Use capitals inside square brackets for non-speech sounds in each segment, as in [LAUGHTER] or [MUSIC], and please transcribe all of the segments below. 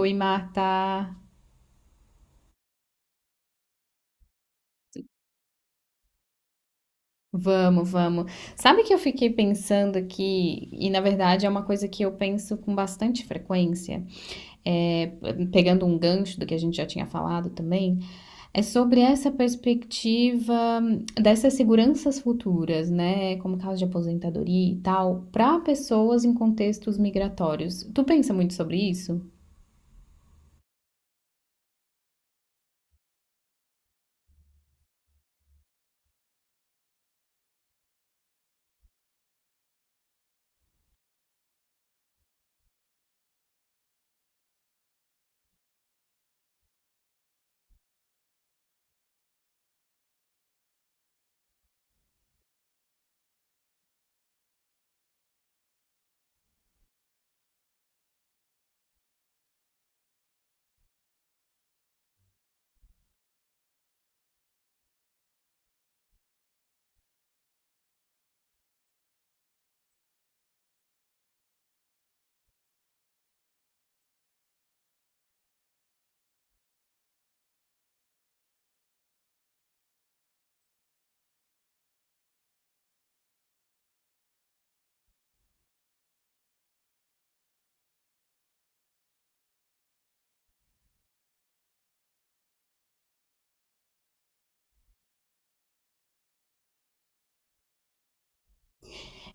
Oi, Marta. Vamos, vamos. Sabe que eu fiquei pensando aqui, e na verdade é uma coisa que eu penso com bastante frequência, é, pegando um gancho do que a gente já tinha falado também, é sobre essa perspectiva dessas seguranças futuras, né? Como caso de aposentadoria e tal, para pessoas em contextos migratórios. Tu pensa muito sobre isso?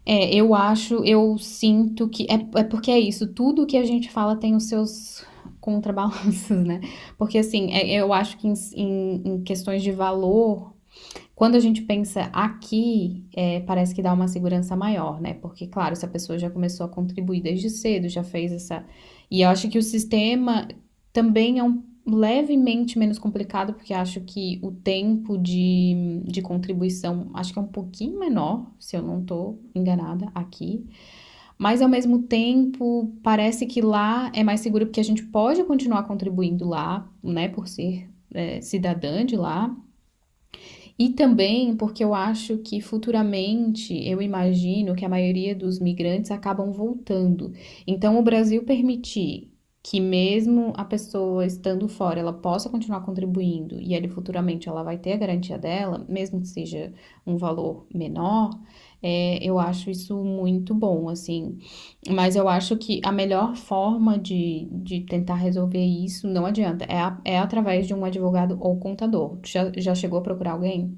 É, eu acho, eu sinto que. É, é porque é isso, tudo que a gente fala tem os seus contrabalanços, [LAUGHS] né? Porque, assim, eu acho que em questões de valor, quando a gente pensa aqui, parece que dá uma segurança maior, né? Porque, claro, se a pessoa já começou a contribuir desde cedo, já fez essa. E eu acho que o sistema também é um levemente menos complicado, porque acho que o tempo de contribuição acho que é um pouquinho menor, se eu não estou enganada aqui. Mas ao mesmo tempo, parece que lá é mais seguro porque a gente pode continuar contribuindo lá, né? Por ser cidadã de lá. E também porque eu acho que futuramente eu imagino que a maioria dos migrantes acabam voltando. Então, o Brasil permitir que mesmo a pessoa estando fora, ela possa continuar contribuindo e ele futuramente ela vai ter a garantia dela, mesmo que seja um valor menor, é, eu acho isso muito bom, assim. Mas eu acho que a melhor forma de tentar resolver isso, não adianta, é através de um advogado ou contador. Já, já chegou a procurar alguém?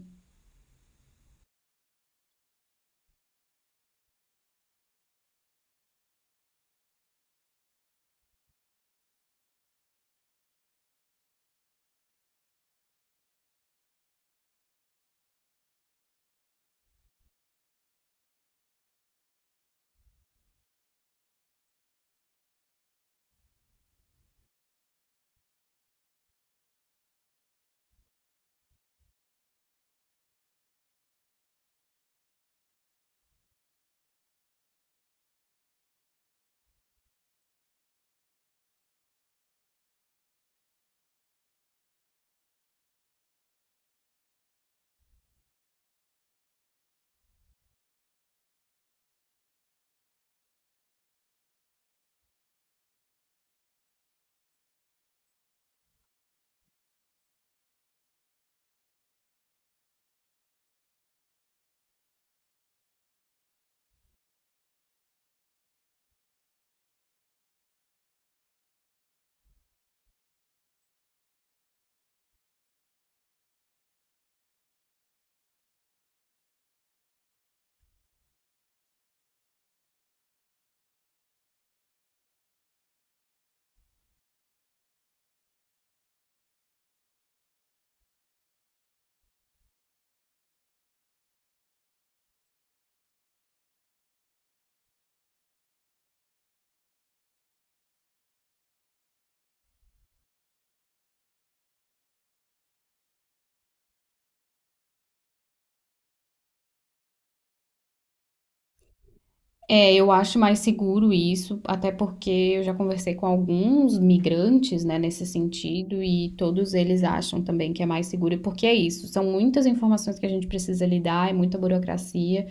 É, eu acho mais seguro isso, até porque eu já conversei com alguns migrantes, né, nesse sentido, e todos eles acham também que é mais seguro, porque é isso, são muitas informações que a gente precisa lidar, é muita burocracia,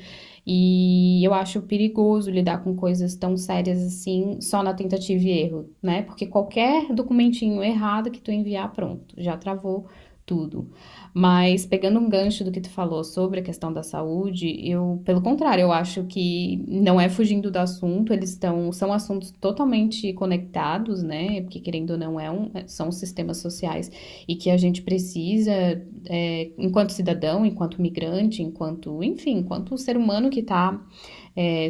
e eu acho perigoso lidar com coisas tão sérias assim, só na tentativa e erro, né? Porque qualquer documentinho errado que tu enviar, pronto, já travou tudo. Mas pegando um gancho do que tu falou sobre a questão da saúde, eu, pelo contrário, eu acho que não é fugindo do assunto, eles estão, são assuntos totalmente conectados, né? Porque querendo ou não, são sistemas sociais e que a gente precisa, é, enquanto cidadão, enquanto migrante, enquanto, enfim, enquanto ser humano que está,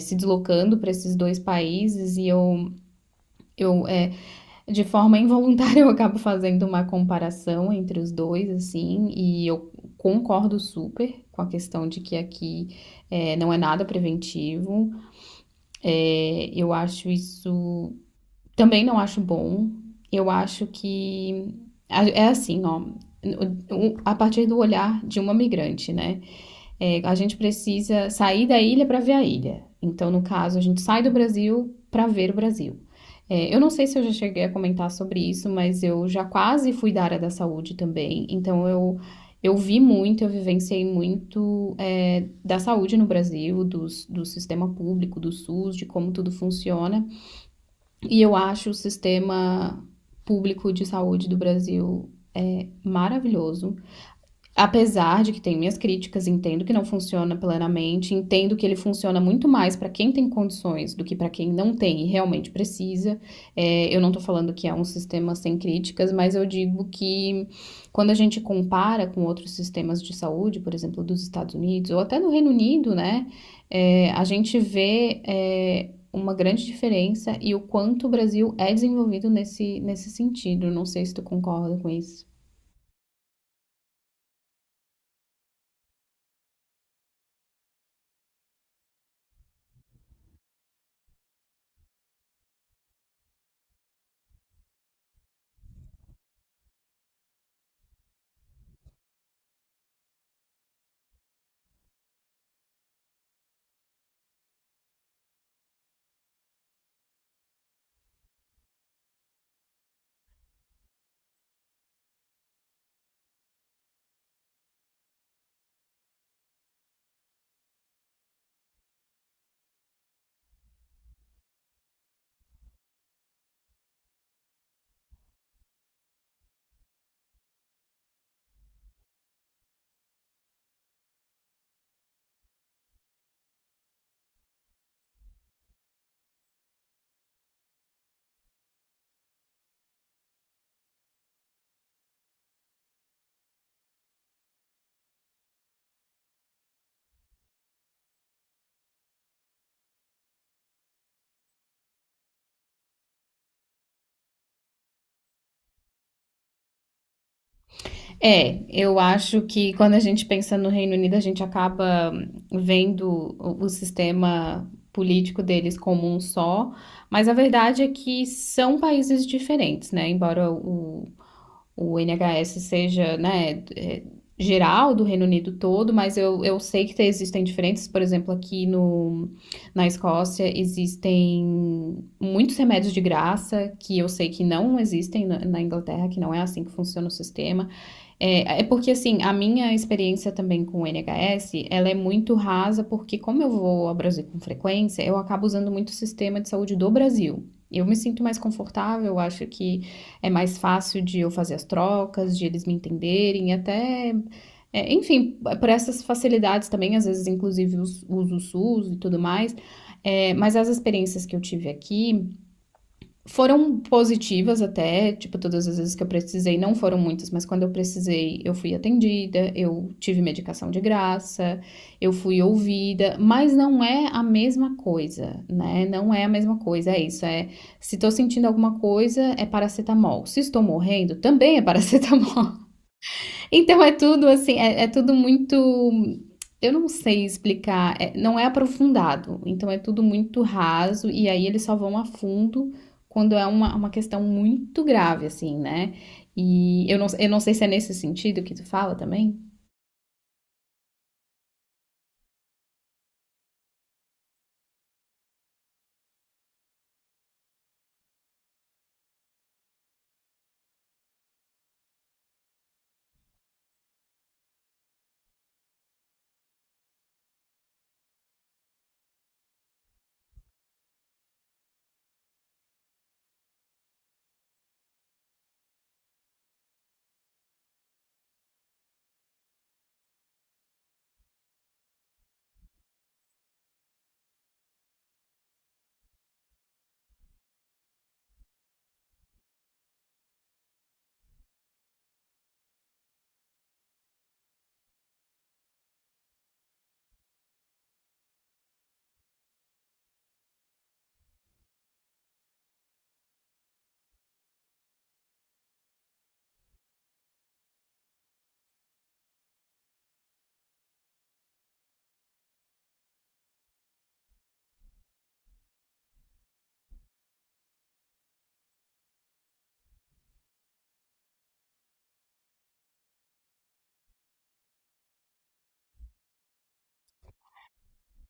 se deslocando para esses dois países, eu é, de forma involuntária, [LAUGHS] eu acabo fazendo uma comparação entre os dois, assim, e eu concordo super com a questão de que aqui não é nada preventivo. Eu acho isso. Também não acho bom. Eu acho que. É assim, ó. A partir do olhar de uma migrante, né? É, a gente precisa sair da ilha para ver a ilha. Então, no caso, a gente sai do Brasil para ver o Brasil. É, eu não sei se eu já cheguei a comentar sobre isso, mas eu já quase fui da área da saúde também. Então, eu vi muito, eu vivenciei muito da saúde no Brasil, do sistema público, do SUS, de como tudo funciona. E eu acho o sistema público de saúde do Brasil maravilhoso. Apesar de que tem minhas críticas, entendo que não funciona plenamente, entendo que ele funciona muito mais para quem tem condições do que para quem não tem e realmente precisa. É, eu não tô falando que é um sistema sem críticas, mas eu digo que quando a gente compara com outros sistemas de saúde, por exemplo, dos Estados Unidos ou até no Reino Unido, né, é, a gente vê, é, uma grande diferença e o quanto o Brasil é desenvolvido nesse sentido. Não sei se tu concorda com isso. É, eu acho que quando a gente pensa no Reino Unido, a gente acaba vendo o sistema político deles como um só, mas a verdade é que são países diferentes, né? Embora o NHS seja, né, é, geral do Reino Unido todo, mas eu sei que existem diferenças, por exemplo, aqui no, na Escócia existem muitos remédios de graça que eu sei que não existem na Inglaterra, que não é assim que funciona o sistema. É, é porque, assim, a minha experiência também com o NHS, ela é muito rasa, porque como eu vou ao Brasil com frequência, eu acabo usando muito o sistema de saúde do Brasil. Eu me sinto mais confortável, eu acho que é mais fácil de eu fazer as trocas, de eles me entenderem, até, é, enfim, por essas facilidades também, às vezes, inclusive, uso o SUS e tudo mais. É, mas as experiências que eu tive aqui, foram positivas até, tipo, todas as vezes que eu precisei, não foram muitas, mas quando eu precisei, eu fui atendida, eu tive medicação de graça, eu fui ouvida, mas não é a mesma coisa, né? Não é a mesma coisa, é isso, é se tô sentindo alguma coisa, é paracetamol. Se estou morrendo, também é [LAUGHS] paracetamol. Então é tudo assim, é tudo muito. Eu não sei explicar, não é aprofundado, então é tudo muito raso, e aí eles só vão a fundo quando é uma questão muito grave, assim, né? E eu não sei se é nesse sentido que tu fala também.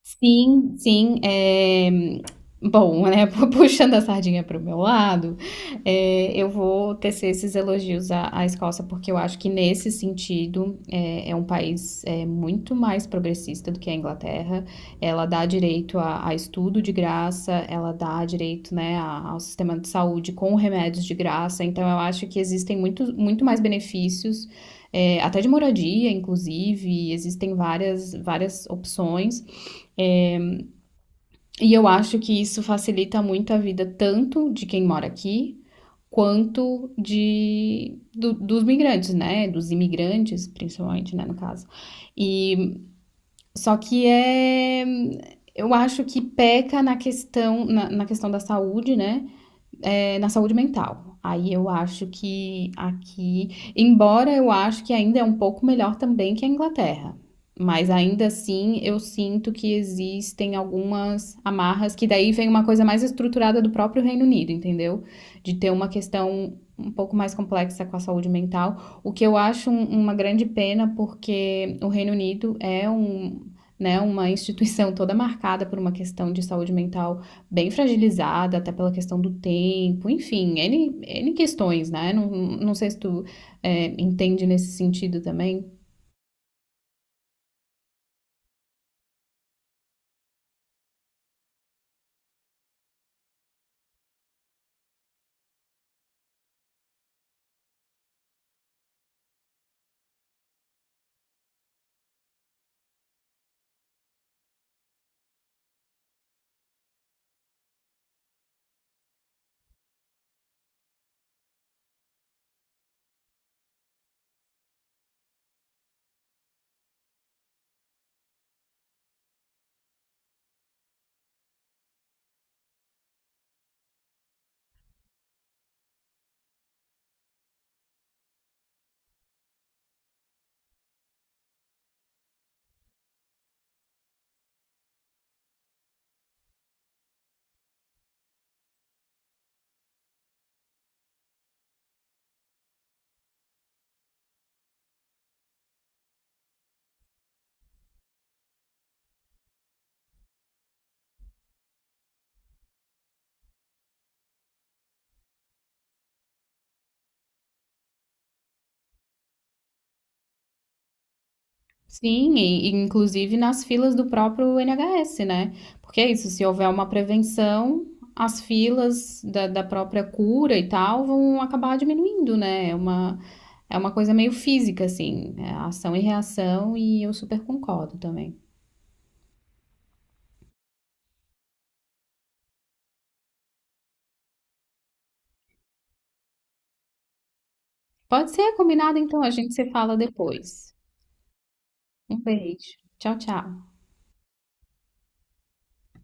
Sim, sim, bom, né, [LAUGHS] puxando a sardinha para o meu lado, eu vou tecer esses elogios à Escócia, porque eu acho que nesse sentido, é um país, muito mais progressista do que a Inglaterra. Ela dá direito a estudo de graça, ela dá direito, né, a ao sistema de saúde com remédios de graça, então eu acho que existem muito mais benefícios, até de moradia inclusive, existem várias opções. E eu acho que isso facilita muito a vida tanto de quem mora aqui, quanto de dos migrantes, né? Dos imigrantes, principalmente, né, no caso. E só que é eu acho que peca na na questão da saúde, né? é, na saúde mental. Aí eu acho que aqui, embora eu acho que ainda é um pouco melhor também que a Inglaterra, mas ainda assim eu sinto que existem algumas amarras que daí vem uma coisa mais estruturada do próprio Reino Unido, entendeu? De ter uma questão um pouco mais complexa com a saúde mental, o que eu acho uma grande pena porque o Reino Unido é um, né, uma instituição toda marcada por uma questão de saúde mental bem fragilizada, até pela questão do tempo, enfim, N questões, né? Não sei se tu entende nesse sentido também. Sim, e inclusive nas filas do próprio NHS, né? Porque é isso, se houver uma prevenção, as filas da própria cura e tal vão acabar diminuindo, né? É uma coisa meio física, assim, é ação e reação, e eu super concordo também. Pode ser combinado, então, a gente se fala depois. Um beijo. Tchau, tchau.